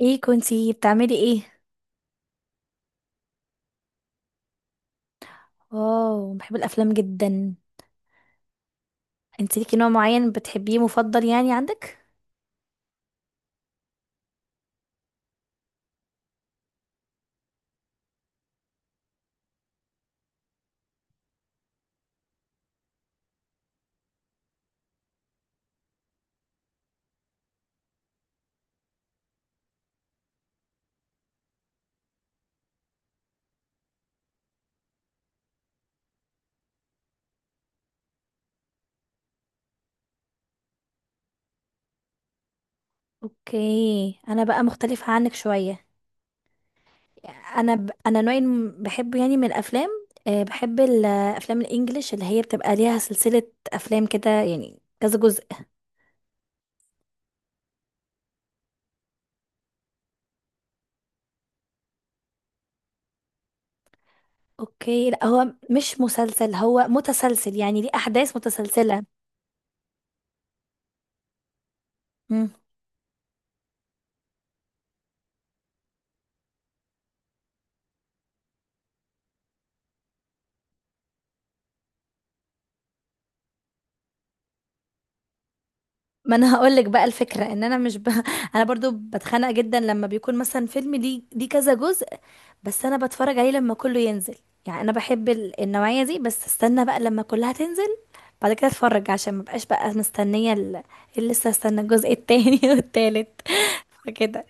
ايه كنتي بتعملي ايه؟ واو، بحب الافلام جدا. انت ليكي نوع معين بتحبيه مفضل يعني عندك؟ اوكي، انا بقى مختلفة عنك شوية. انا بحبه يعني من الافلام. بحب الافلام الانجليش اللي هي بتبقى ليها سلسلة افلام كده يعني كذا جزء. اوكي، لا هو مش مسلسل، هو متسلسل يعني ليه احداث متسلسلة. مم. ما انا هقول لك بقى الفكره ان انا مش انا برضو بتخنق جدا لما بيكون مثلا فيلم ليه كذا جزء. بس انا بتفرج عليه لما كله ينزل، يعني انا بحب النوعيه دي، بس استنى بقى لما كلها تنزل بعد كده اتفرج عشان ما بقاش بقى مستنيه اللي لسه استنى الجزء التاني والتالت. فكده.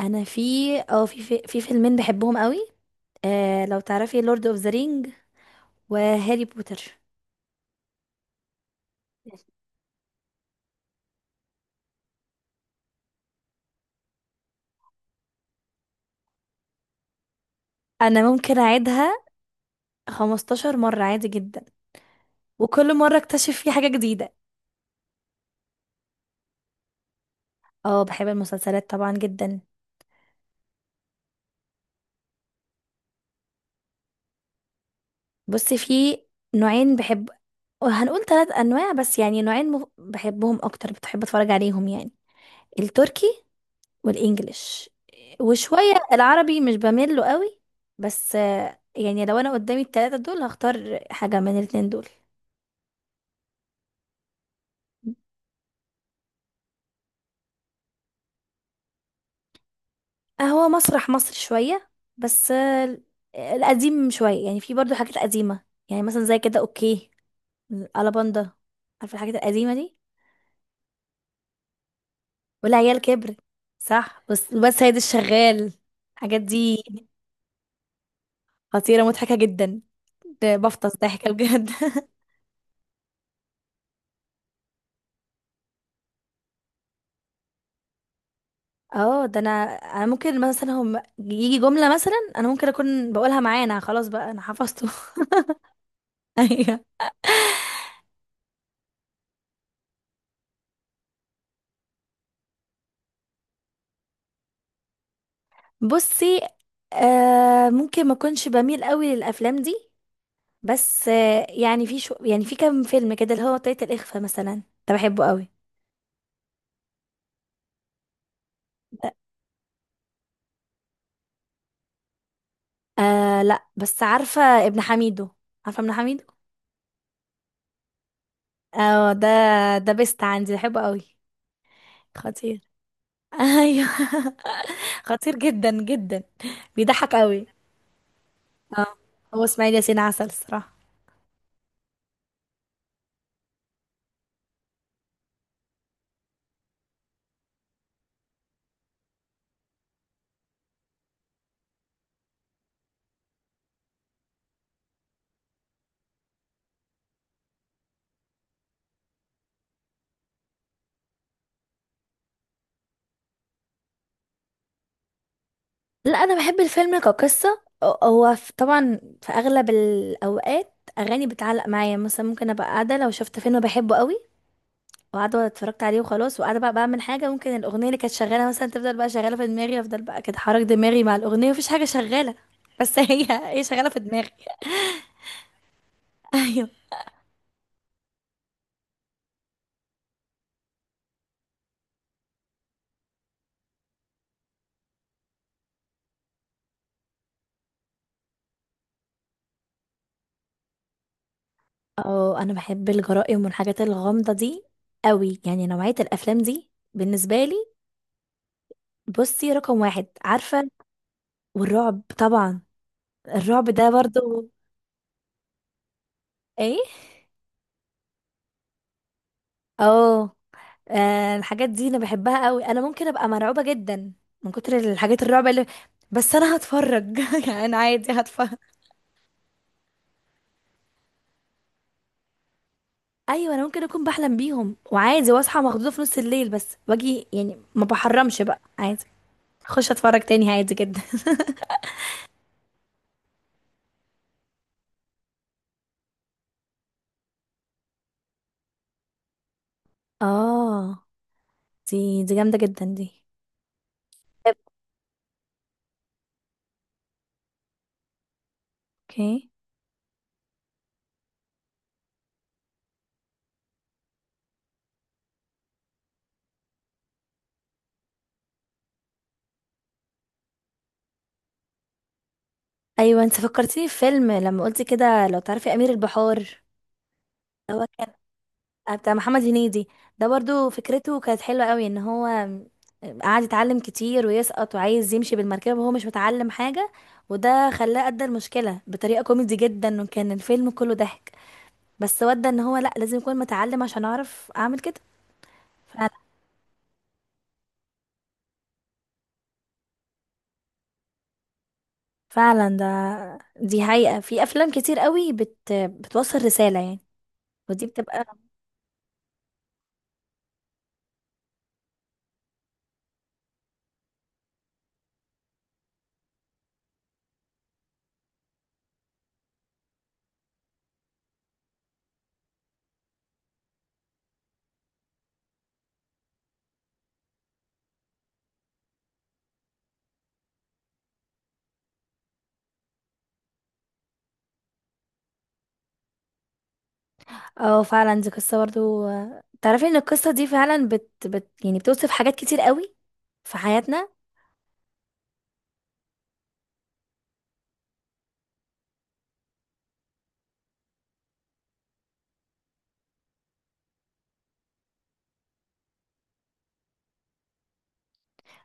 انا في فيلمين بحبهم قوي. آه، لو تعرفي لورد اوف ذا رينج وهاري بوتر. انا ممكن اعيدها 15 مره عادي جدا، وكل مره اكتشف فيه حاجه جديده. اه، بحب المسلسلات طبعا جدا. بصي، في نوعين بحب، هنقول ثلاث انواع بس يعني نوعين بحبهم اكتر بتحب اتفرج عليهم يعني. التركي والانجليش، وشوية العربي مش بميل له قوي. بس يعني لو انا قدامي الثلاثة دول هختار حاجة من الاتنين دول. هو مسرح مصر شوية، بس القديم شوية يعني في برضو حاجات قديمة. يعني مثلا زي كده، اوكي الألاباندا، عارفة الحاجات القديمة دي. والعيال كبرت. صح، بس سيد الشغال، الحاجات دي خطيرة مضحكة جدا، ده بفطس ضحكة بجد اه، ده انا. انا ممكن مثلا هم يجي جملة، مثلا انا ممكن اكون بقولها معانا، خلاص بقى انا حفظته ايوه. بصي، ممكن ما اكونش بميل قوي للافلام دي. بس يعني في شو يعني في كام فيلم كده اللي هو طريقة الإخفاء مثلا، ده بحبه قوي. آه لا، بس عارفة ابن حميدو، عارفة ابن حميدو. اه، ده بيست عندي، بحبه قوي. خطير. ايوه خطير جدا جدا، بيضحك قوي. اه. هو اسماعيل ياسين عسل الصراحه. لا، انا بحب الفيلم كقصه. طبعا في اغلب الاوقات اغاني بتعلق معايا، مثلا ممكن ابقى قاعده لو شفت فيلم بحبه قوي، وقاعده اتفرجت عليه وخلاص، وقاعده بقى بعمل حاجه ممكن الاغنيه اللي كانت شغاله مثلا تفضل بقى شغاله في دماغي، افضل بقى كده حرك دماغي مع الاغنيه، مفيش حاجه شغاله بس هي هي شغاله في دماغي. ايوه. اه، انا بحب الجرائم والحاجات الغامضة دي قوي، يعني نوعية الافلام دي بالنسبة لي، بصي، رقم واحد، عارفة. والرعب طبعا، الرعب ده برضو. ايه؟ اه، الحاجات دي انا بحبها قوي، انا ممكن ابقى مرعوبة جدا من كتر الحاجات الرعب اللي، بس انا هتفرج يعني انا عادي هتفرج. ايوه، انا ممكن اكون بحلم بيهم وعادي، واصحى مخضوضة في نص الليل بس واجي يعني ما بحرمش بقى عادي. اخش اتفرج تاني عادي جدا. اه، دي جامدة جدا دي. اوكي. ايوه، انت فكرتيني في فيلم لما قلتي كده، لو تعرفي امير البحار، كان بتاع محمد هنيدي. ده برضو فكرته كانت حلوة قوي، ان هو قعد يتعلم كتير ويسقط، وعايز يمشي بالمركبة وهو مش متعلم حاجة، وده خلاه أدى المشكلة بطريقة كوميدي جدا، وكان الفيلم كله ضحك. بس ودى ان هو لا، لازم يكون متعلم عشان اعرف اعمل كده. فعلا فعلا، ده دي حقيقة في افلام كتير قوي بتوصل رسالة يعني، ودي بتبقى. اه فعلا، دي قصة برضو، تعرفي ان القصة دي فعلا بت, بت يعني بتوصف حاجات كتير قوي في حياتنا.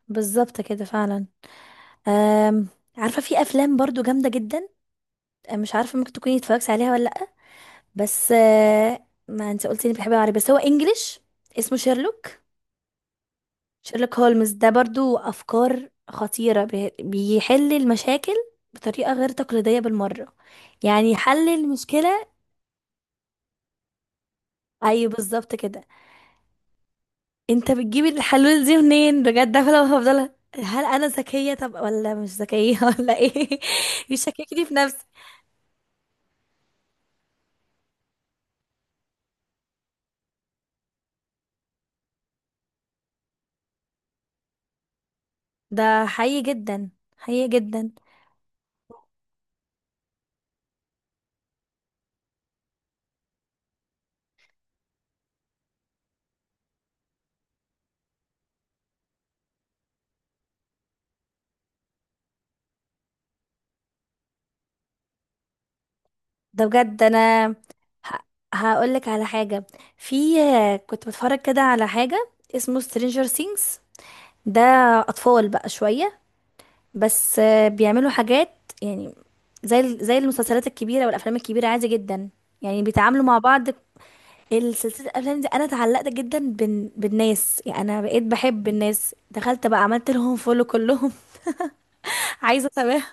بالظبط كده فعلا. أم... عارفة في افلام برضو جامدة جدا، مش عارفة ممكن تكوني اتفرجتي عليها ولا لأ. بس ما انت قلتي انك بتحبي العربي، بس هو انجليش، اسمه شيرلوك. شيرلوك هولمز ده برضو افكار خطيرة، بيحل المشاكل بطريقة غير تقليدية بالمرة، يعني حل المشكلة. ايوه، بالظبط كده. انت بتجيب الحلول دي منين بجد؟ انا هفضل، هل انا ذكيه طب ولا مش ذكيه ولا ايه، يشككني في نفسي. ده حقيقي جدا، حقيقي جدا. ده بجد، انا ه... هقول لك على حاجه. في، كنت بتفرج كده على حاجه اسمه سترينجر ثينجز. ده اطفال بقى شويه، بس بيعملوا حاجات يعني زي المسلسلات الكبيره والافلام الكبيره، عادي جدا يعني بيتعاملوا مع بعض. السلسلة الأفلام دي أنا اتعلقت جدا بالناس، يعني أنا بقيت بحب الناس، دخلت بقى عملت لهم فولو كلهم عايزة أتابعهم.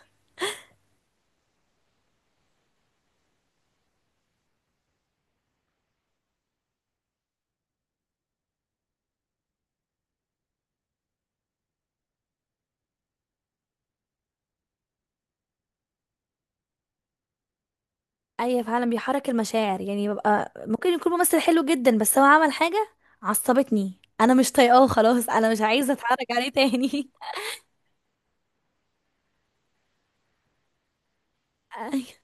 أيوة فعلا، بيحرك المشاعر يعني ببقى ممكن يكون ممثل حلو جدا بس هو عمل حاجة عصبتني، أنا مش طايقاه، خلاص أنا مش عايزة أتفرج عليه تاني أيوة،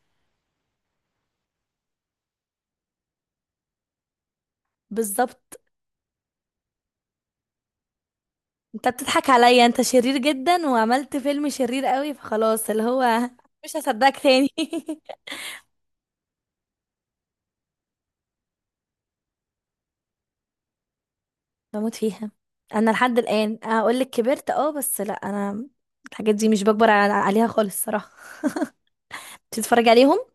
بالظبط. أنت بتضحك عليا، أنت شرير جدا وعملت فيلم شرير قوي، فخلاص اللي هو مش هصدقك تاني بموت فيها. انا لحد الان اقول لك كبرت، اه، بس لا، انا الحاجات دي مش بكبر عليها خالص صراحه تتفرج عليهم.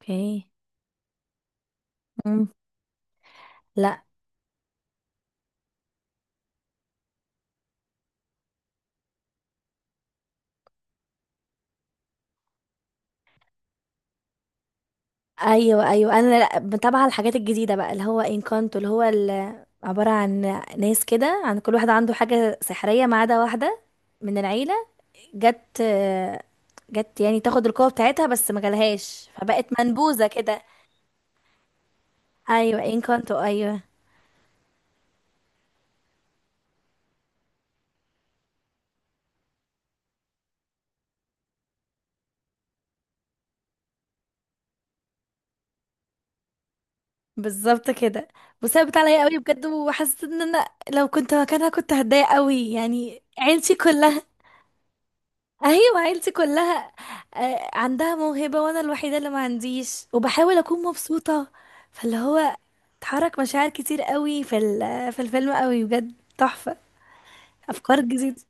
اوكي. مم. لا، ايوه ايوه، انا لا متابعه الحاجات الجديده بقى اللي هو انكانتو، اللي هو عباره عن ناس كده، عن كل واحد عنده حاجه سحريه ما عدا واحده من العيله، جت جت يعني تاخد القوه بتاعتها بس ما جالهاش، فبقت منبوذه كده. ايوه انكانتو، ايوه. بالظبط كده، وثابت عليا قوي بجد، وحسيت ان انا لو كنت مكانها كنت هتضايق قوي، يعني عيلتي كلها ايوه عيلتي كلها عندها موهبة وانا الوحيدة اللي ما عنديش وبحاول اكون مبسوطة، فاللي هو اتحرك مشاعر كتير قوي في في الفيلم، قوي بجد تحفة، افكار جديدة.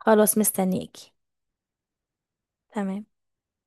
خلاص مستنياكي. تمام.